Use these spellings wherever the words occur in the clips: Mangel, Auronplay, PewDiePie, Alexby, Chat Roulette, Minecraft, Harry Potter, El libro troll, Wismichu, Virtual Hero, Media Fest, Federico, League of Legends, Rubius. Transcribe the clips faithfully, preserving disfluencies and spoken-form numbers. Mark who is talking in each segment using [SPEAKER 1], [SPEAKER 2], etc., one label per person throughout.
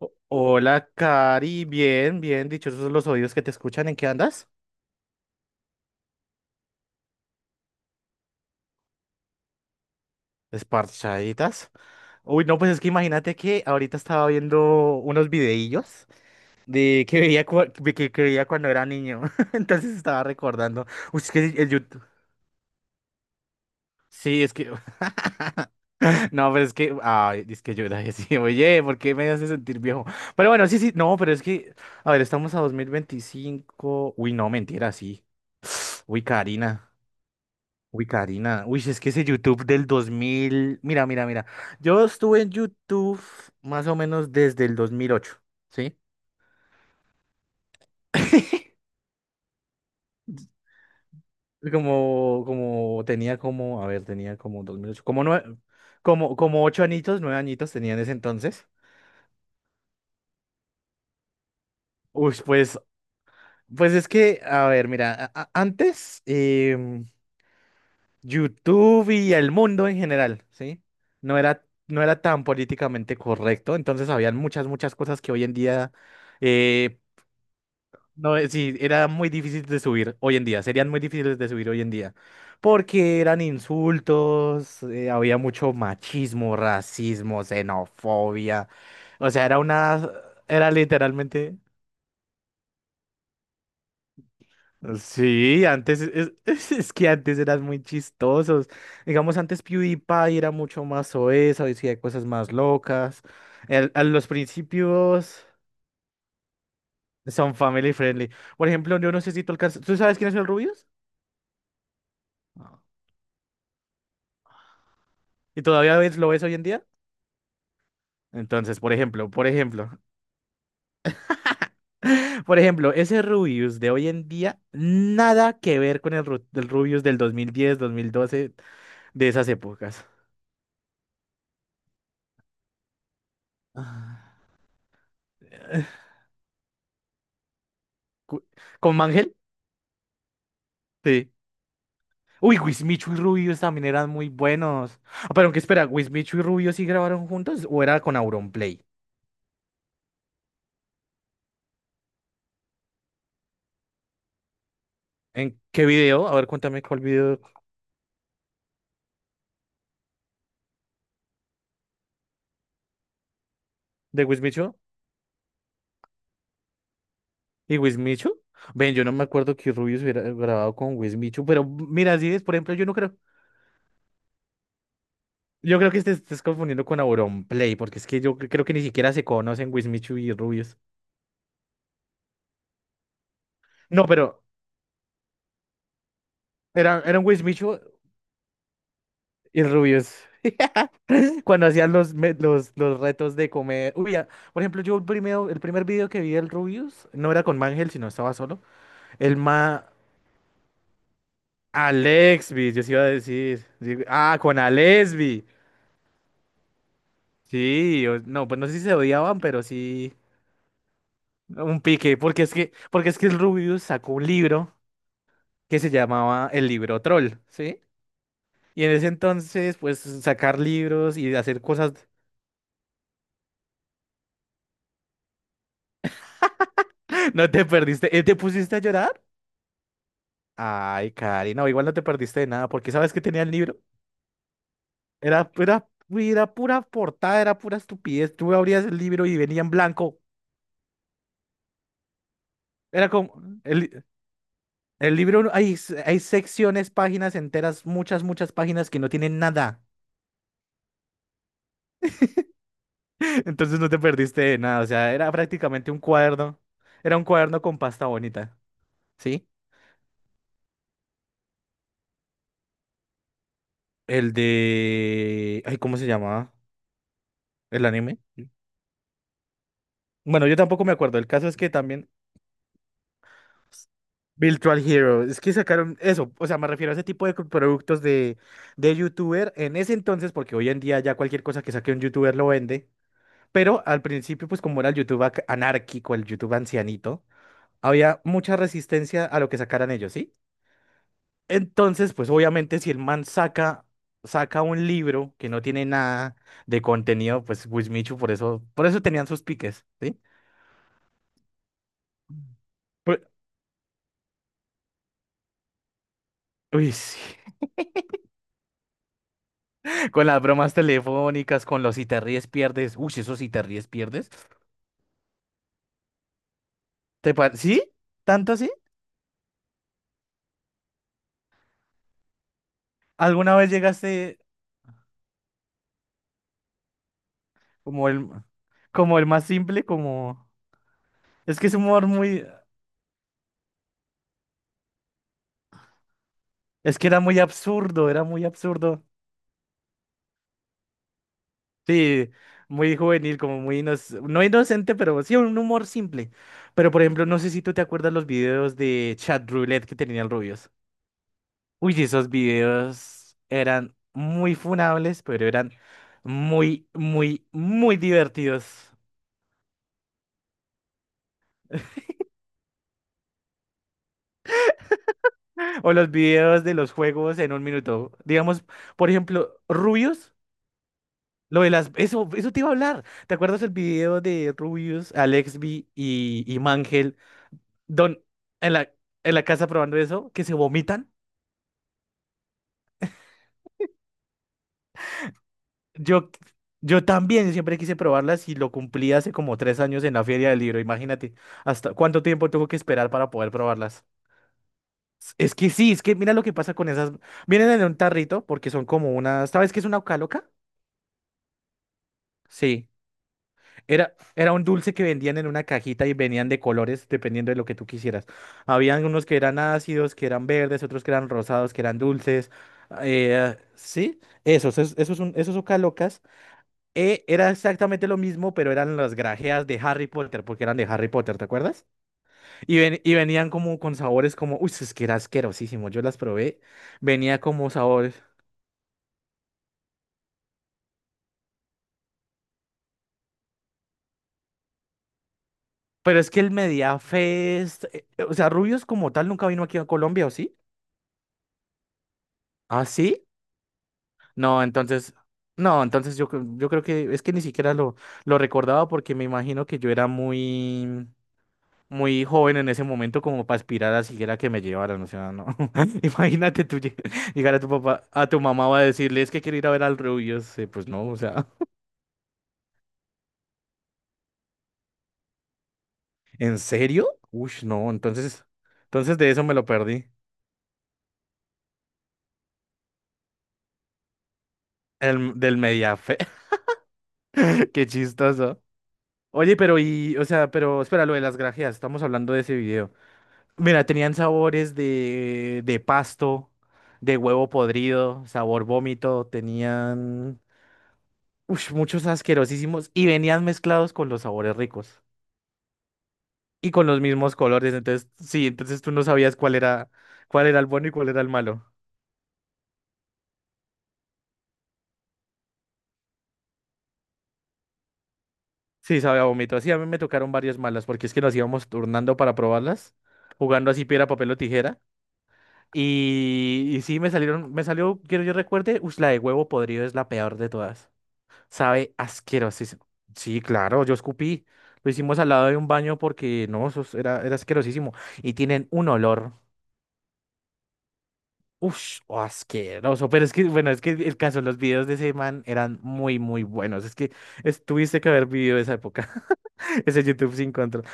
[SPEAKER 1] O- Hola, Cari, bien, bien, dichosos los oídos que te escuchan, ¿en qué andas? Esparchaditas. Uy, no, pues es que imagínate que ahorita estaba viendo unos videillos de que veía, cua- de que, que veía cuando era niño, entonces estaba recordando. Uy, es que el YouTube... Sí, es que... No, pero es que... Ay, es que yo era así, oye, ¿por qué me hace sentir viejo? Pero bueno, sí, sí, no, pero es que... A ver, estamos a dos mil veinticinco. Uy, no, mentira, sí. Uy, Karina. Uy, Karina, uy, si es que ese YouTube del dos mil, mira, mira, mira, yo estuve en YouTube más o menos desde el dos mil ocho, ¿sí? Como, como, tenía como, a ver, tenía como dos mil ocho, como nueve, como, como ocho añitos, nueve añitos tenía en ese entonces. Uy, pues, pues, es que, a ver, mira, a- a- antes, em, YouTube y el mundo en general, ¿sí? No era, no era tan políticamente correcto, entonces habían muchas, muchas cosas que hoy en día, eh, no, eh, sí, era muy difícil de subir hoy en día, serían muy difíciles de subir hoy en día, porque eran insultos, eh, había mucho machismo, racismo, xenofobia, o sea, era una, era literalmente. Sí, antes es, es- es que antes eran muy chistosos. Digamos, antes PewDiePie era mucho más soez, decía cosas más locas. El- a los principios son family friendly. Por ejemplo, yo no sé si tú alcanzas. ¿Tú sabes quién es el Rubius? No. ¿Y todavía ves- lo ves hoy en día? Entonces, por ejemplo, por ejemplo, por ejemplo, ese Rubius de hoy en día, nada que ver con el, Ru- del Rubius del dos dos mil diez, dos mil doce, de esas épocas. Ah. Cu- ¿Con Mangel? Sí. Uy, Wismichu y Rubius también eran muy buenos. Ah, pero aunque espera, ¿Wismichu y Rubius sí grabaron juntos o era con Auronplay? ¿En qué video? A ver, cuéntame cuál video de Wismichu y Wismichu. Ven, yo no me acuerdo que Rubius hubiera grabado con Wismichu, pero mira, si es, por ejemplo, yo no creo. Yo creo que te estés confundiendo con Auronplay, porque es que yo creo que ni siquiera se conocen Wismichu y Rubius. No, pero eran, eran Wismichu y Rubius. Cuando hacían los, me- los, los retos de comer. Uy, ya, por ejemplo, yo el, primero, el primer video que vi del Rubius no era con Mangel, sino estaba solo. El ma. Alexby, yo sí iba a decir. Sí, ah, con Alexby. Sí, o no, pues no sé si se odiaban, pero sí. Un pique. Porque es que, porque es que el Rubius sacó un libro que se llamaba El libro troll, ¿sí? Y en ese entonces, pues sacar libros y hacer cosas. No te perdiste. ¿Eh? ¿Te pusiste a llorar? Ay, Cari, no, igual no te perdiste de nada, porque ¿sabes que tenía el libro? Era, era, uy, era pura portada, era pura estupidez. Tú abrías el libro y venía en blanco. Era como, el, li- el libro, hay, s- hay secciones, páginas enteras, muchas, muchas páginas que no tienen nada. Entonces no te perdiste de nada, o sea, era prácticamente un cuaderno. Era un cuaderno con pasta bonita, ¿sí? El de... Ay, ¿cómo se llamaba? ¿El anime? Bueno, yo tampoco me acuerdo. El caso es que también... Virtual Hero, es que sacaron eso, o sea, me refiero a ese tipo de co- productos de, de youtuber en ese entonces, porque hoy en día ya cualquier cosa que saque un youtuber lo vende, pero al principio, pues como era el YouTube ac- anárquico, el YouTube ancianito, había mucha resistencia a lo que sacaran ellos, ¿sí? Entonces, pues obviamente si el man saca, saca un libro que no tiene nada de contenido, pues Wismichu por eso, por eso tenían sus piques, ¿sí? Pues, uy, sí. Con las bromas telefónicas, con los si te ríes, pierdes. Uy, esos si te ríes, pierdes. ¿Te pa- ¿Sí? ¿Tanto así? ¿Alguna vez llegaste como el, como el más simple? Como... Es que es humor muy... Es que era muy absurdo, era muy absurdo. Sí, muy juvenil, como muy... inoc- no inocente, pero sí, un humor simple. Pero, por ejemplo, no sé si tú te acuerdas los videos de Chat Roulette que tenía el rubio. Uy, sí, esos videos eran muy funables, pero eran muy, muy, muy divertidos. O los videos de los juegos en un minuto. Digamos, por ejemplo, Rubius, lo de las... Eso, eso te iba a hablar. ¿Te acuerdas el video de Rubius, Alexby y, y Mangel, don, en la, en la casa probando eso, que se vomitan? Yo, yo también siempre quise probarlas y lo cumplí hace como tres años en la Feria del Libro. Imagínate, hasta cuánto tiempo tuve que esperar para poder probarlas. Es que sí, es que mira lo que pasa con esas. Vienen en un tarrito porque son como unas. ¿Sabes qué es una ucaloca? Sí. Era, era un dulce que vendían en una cajita y venían de colores dependiendo de lo que tú quisieras. Habían unos que eran ácidos, que eran verdes, otros que eran rosados, que eran dulces. Eh, sí, esos, es- esos son, esos. Eh, era exactamente lo mismo, pero eran las grajeas de Harry Potter, porque eran de Harry Potter, ¿te acuerdas? Y, ven- y venían como con sabores como, uy, es que era asquerosísimo, yo las probé, venía como sabores. Pero es que el Media Fest, eh, eh, o sea, Rubios como tal nunca vino aquí a Colombia, ¿o sí? ¿Ah, sí? No, entonces, no, entonces yo, cre- yo creo que es que ni siquiera lo, lo recordaba, porque me imagino que yo era muy, muy joven en ese momento como para aspirar a siquiera que me llevaran, o sea, no. Imagínate tú lle- llegar a tu papá, a tu mamá va a decirle, es que quiero ir a ver al Rubius, eh, pues no, o sea, ¿en serio? Uy, no, entonces, entonces de eso me lo perdí, el, del Mediafe, qué chistoso. Oye, pero y, o sea, pero espera, lo de las grajeas, estamos hablando de ese video. Mira, tenían sabores de, de pasto, de huevo podrido, sabor vómito, tenían... ush, muchos asquerosísimos y venían mezclados con los sabores ricos y con los mismos colores. Entonces, sí, entonces tú no sabías cuál era, cuál era el bueno y cuál era el malo. Sí, sabía a vómito. Sí, a mí me tocaron varias malas porque es que nos íbamos turnando para probarlas, jugando así piedra, papel o tijera. Y, y sí, me salieron, me salió, quiero yo recuerde, ush, la de huevo podrido es la peor de todas. Sabe asquerosísimo. Sí, claro, yo escupí. Lo hicimos al lado de un baño porque no, eso era, era asquerosísimo. Y tienen un olor. Ush, oh, asqueroso. Pero es que, bueno, es que el caso, los videos de ese man eran muy, muy buenos. Es que es- tuviste que haber vivido esa época. Ese YouTube sin control.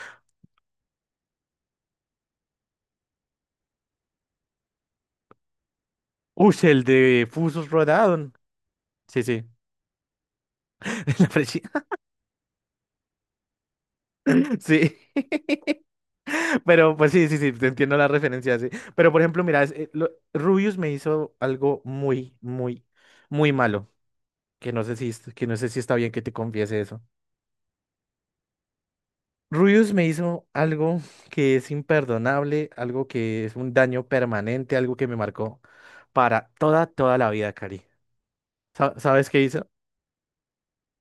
[SPEAKER 1] Ush, el de Fusos Rodaron. Sí, sí. La presi- Sí. Pero, pues sí, sí, sí, te entiendo la referencia, sí. Pero, por ejemplo, mira, es- eh, lo- Rubius me hizo algo muy, muy, muy malo. Que no sé si, es- que no sé si está bien que te confiese eso. Rubius me hizo algo que es imperdonable, algo que es un daño permanente, algo que me marcó para toda, toda la vida, Cari. Sa- ¿Sabes qué hizo?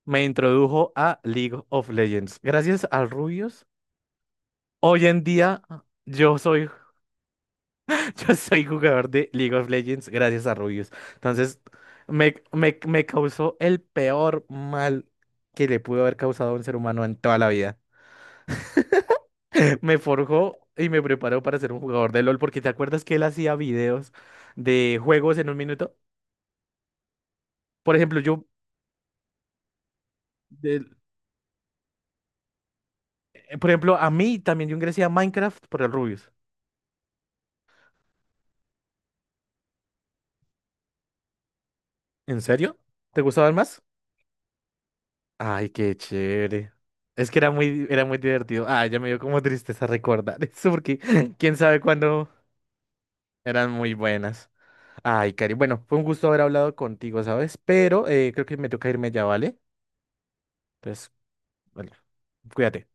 [SPEAKER 1] Me introdujo a League of Legends. Gracias a Rubius, hoy en día yo soy, yo soy jugador de League of Legends gracias a Rubius. Entonces, me, me, me causó el peor mal que le pudo haber causado a un ser humano en toda la vida. Me forjó y me preparó para ser un jugador de LOL, porque te acuerdas que él hacía videos de juegos en un minuto. Por ejemplo, yo, de- eh, por ejemplo, a mí también yo ingresé a Minecraft por el Rubius. ¿En serio? ¿Te gustaban más? Ay, qué chévere. Es que era muy, era muy divertido. Ah, ya me dio como tristeza recordar eso, porque quién sabe cuándo eran muy buenas. Ay, Cari, bueno, fue un gusto haber hablado contigo, ¿sabes? Pero eh, creo que me toca irme ya, ¿vale? Entonces, bueno, cuídate.